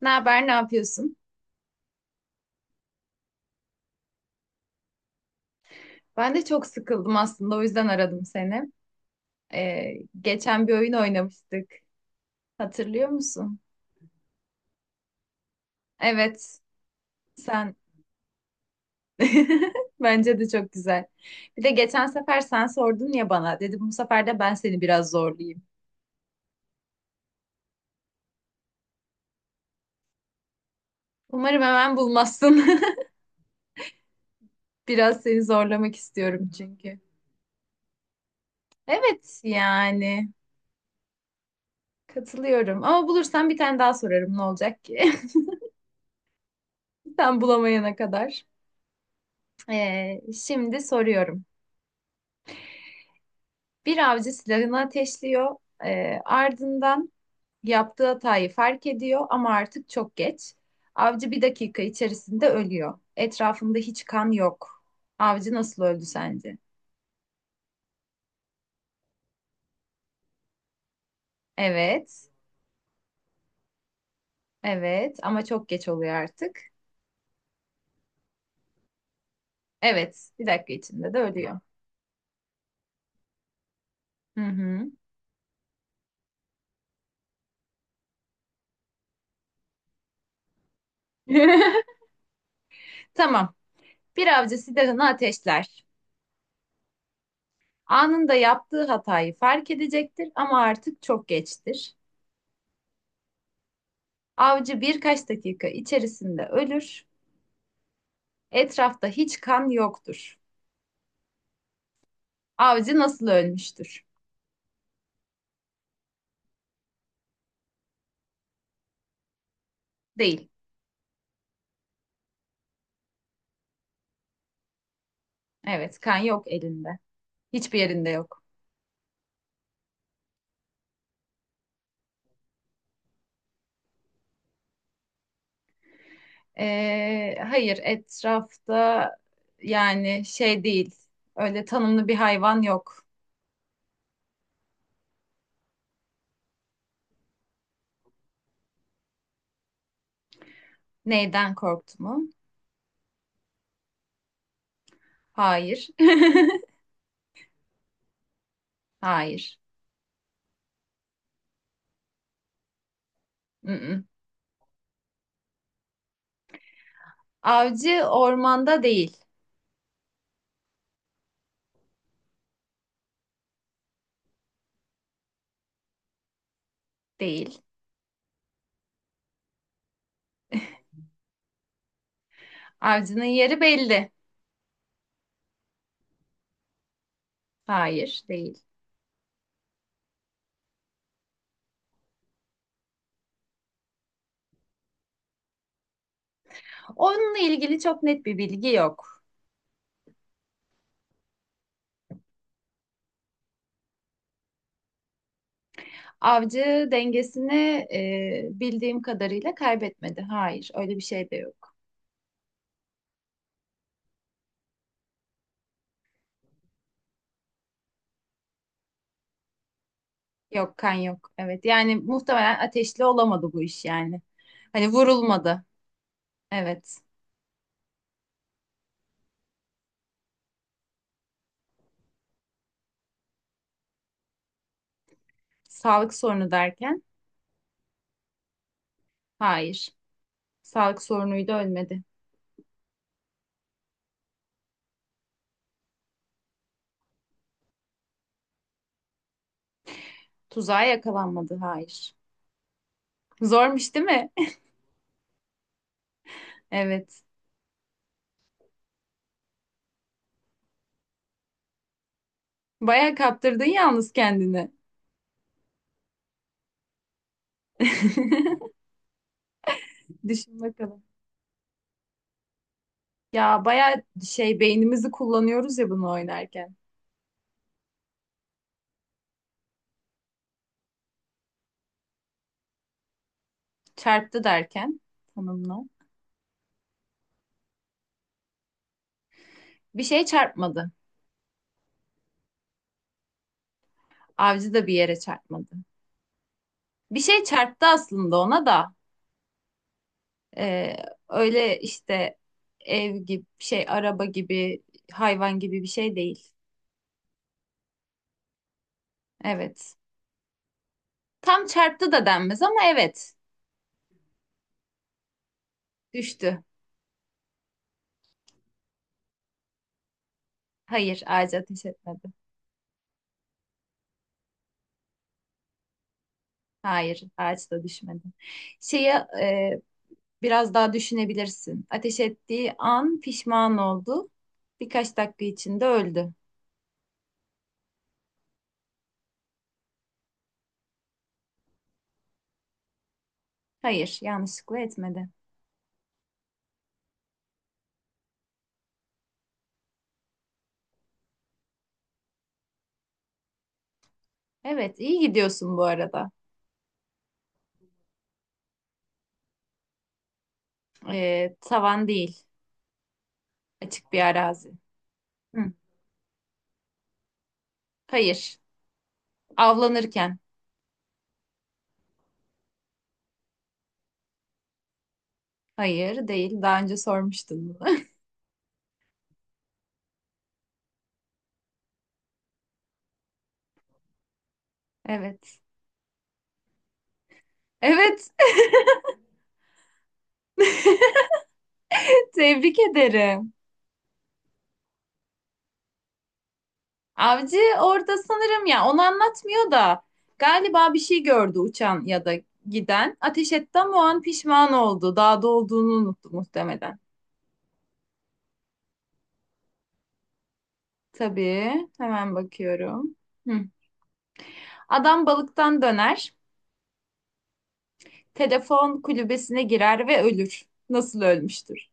Ne haber, ne yapıyorsun? Ben de çok sıkıldım aslında, o yüzden aradım seni. Ee, geçen bir oyun oynamıştık. Hatırlıyor musun? Evet, sen. Bence de çok güzel. Bir de geçen sefer sen sordun ya bana. Dedim bu sefer de ben seni biraz zorlayayım. Umarım hemen bulmazsın. Biraz seni zorlamak istiyorum çünkü. Evet, yani katılıyorum. Ama bulursam bir tane daha sorarım ne olacak ki? Sen bulamayana kadar. Şimdi soruyorum. Bir avcı silahını ateşliyor. Ardından yaptığı hatayı fark ediyor ama artık çok geç. Avcı bir dakika içerisinde ölüyor. Etrafında hiç kan yok. Avcı nasıl öldü sence? Evet, evet ama çok geç oluyor artık. Evet, bir dakika içinde de ölüyor. Hı hı. Tamam. Bir avcı silahını ateşler. Anında yaptığı hatayı fark edecektir ama artık çok geçtir. Avcı birkaç dakika içerisinde ölür. Etrafta hiç kan yoktur. Avcı nasıl ölmüştür? Değil. Evet, kan yok elinde. Hiçbir yerinde yok. Hayır, etrafta yani şey değil. Öyle tanımlı bir hayvan yok. Neyden korktu mu? Hayır. Hayır. Mm-mm. Avcı ormanda değil. Değil. Avcının yeri belli. Hayır, değil. Onunla ilgili çok net bir bilgi yok. Avcı dengesini bildiğim kadarıyla kaybetmedi. Hayır, öyle bir şey de yok. Yok, kan yok. Evet, yani muhtemelen ateşli olamadı bu iş yani. Hani vurulmadı. Evet. Sağlık sorunu derken hayır. Sağlık sorunuyla ölmedi. Tuzağa yakalanmadı. Hayır. Zormuş değil mi? Evet. Bayağı kaptırdın yalnız kendini. Düşün bakalım. Ya bayağı şey beynimizi kullanıyoruz ya bunu oynarken. Çarptı derken tanımla. Bir şey çarpmadı. Avcı da bir yere çarpmadı. Bir şey çarptı aslında ona da. Ee, öyle işte ev gibi şey, araba gibi, hayvan gibi bir şey değil. Evet. Tam çarptı da denmez ama evet. Düştü. Hayır, ağaca ateş etmedi. Hayır, ağaç da düşmedi. Şeyi e, biraz daha düşünebilirsin. Ateş ettiği an pişman oldu. Birkaç dakika içinde öldü. Hayır, yanlışlıkla etmedi. Evet, iyi gidiyorsun bu arada. Tavan değil. Açık bir arazi. Hı. Hayır. Avlanırken. Hayır değil. Daha önce sormuştun bunu. Evet. Evet. Tebrik ederim. Avcı orada sanırım ya onu anlatmıyor da galiba bir şey gördü uçan ya da giden. Ateş etti ama o an pişman oldu. Dağda olduğunu unuttu muhtemelen. Tabii. Hemen bakıyorum. Hı. Adam balıktan döner. Telefon kulübesine girer ve ölür. Nasıl ölmüştür?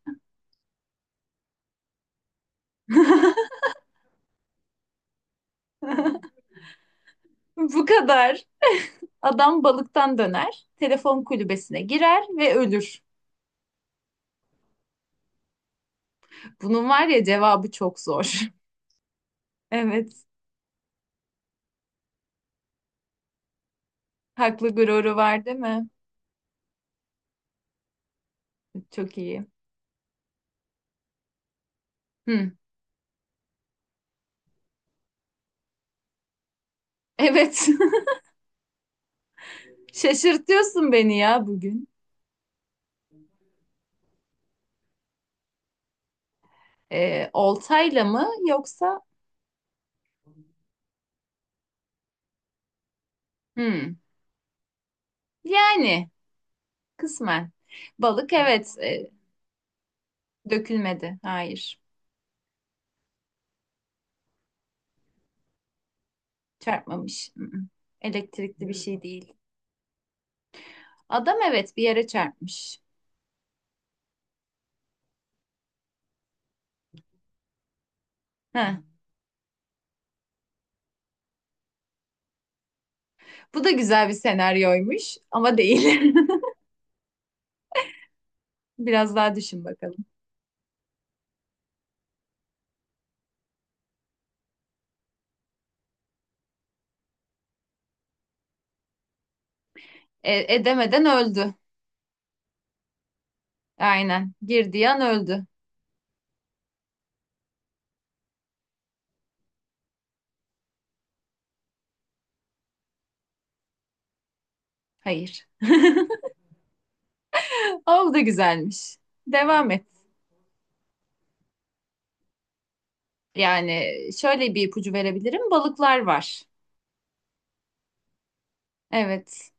Bu kadar. Adam balıktan döner, telefon kulübesine girer ve ölür. Bunun var ya cevabı çok zor. Evet, haklı gururu var değil mi? Çok iyi. Hı. Evet, şaşırtıyorsun beni ya bugün. Oltayla mı yoksa? Hı. Yani kısmen. Balık evet dökülmedi. Hayır, çarpmamış. Elektrikli bir şey değil. Adam evet bir yere çarpmış. Heh. Bu da güzel bir senaryoymuş ama değil. Biraz daha düşün bakalım. Edemeden öldü. Aynen. Girdiği an öldü. Hayır. O da güzelmiş. Devam et. Yani şöyle bir ipucu verebilirim. Balıklar var. Evet.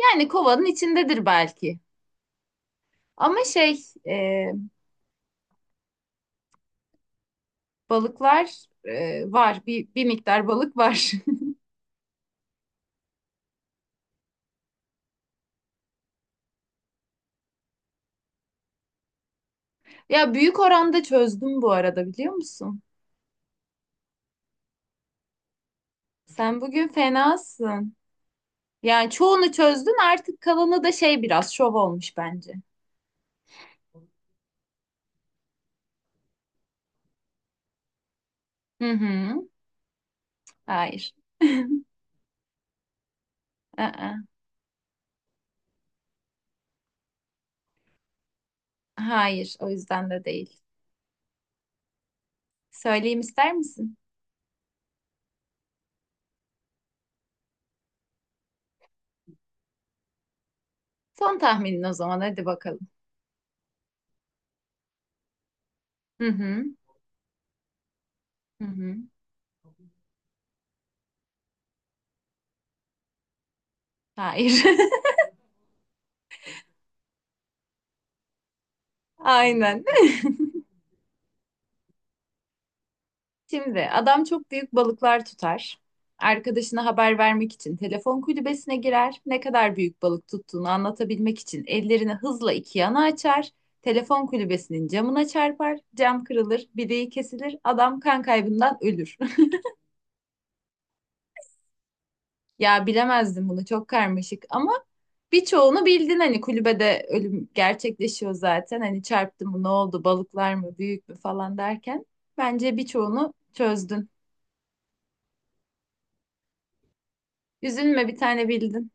Yani kovanın içindedir belki. Ama şey, e, balıklar var. Bir miktar balık var. Ya büyük oranda çözdüm bu arada biliyor musun? Sen bugün fenasın. Yani çoğunu çözdün artık kalanı da şey biraz şov olmuş bence. Hı hı. Hayır. Aa, hayır, o yüzden de değil. Söyleyeyim ister misin? Son tahminin o zaman hadi bakalım. Hı hı. Hı hı. Hayır. Aynen. Şimdi adam çok büyük balıklar tutar. Arkadaşına haber vermek için telefon kulübesine girer. Ne kadar büyük balık tuttuğunu anlatabilmek için ellerini hızla iki yana açar. Telefon kulübesinin camına çarpar. Cam kırılır, bileği kesilir. Adam kan kaybından ölür. Ya bilemezdim bunu çok karmaşık ama birçoğunu bildin hani kulübede ölüm gerçekleşiyor zaten. Hani çarptı mı ne oldu balıklar mı büyük mü falan derken. Bence birçoğunu çözdün. Üzülme bir tane bildin.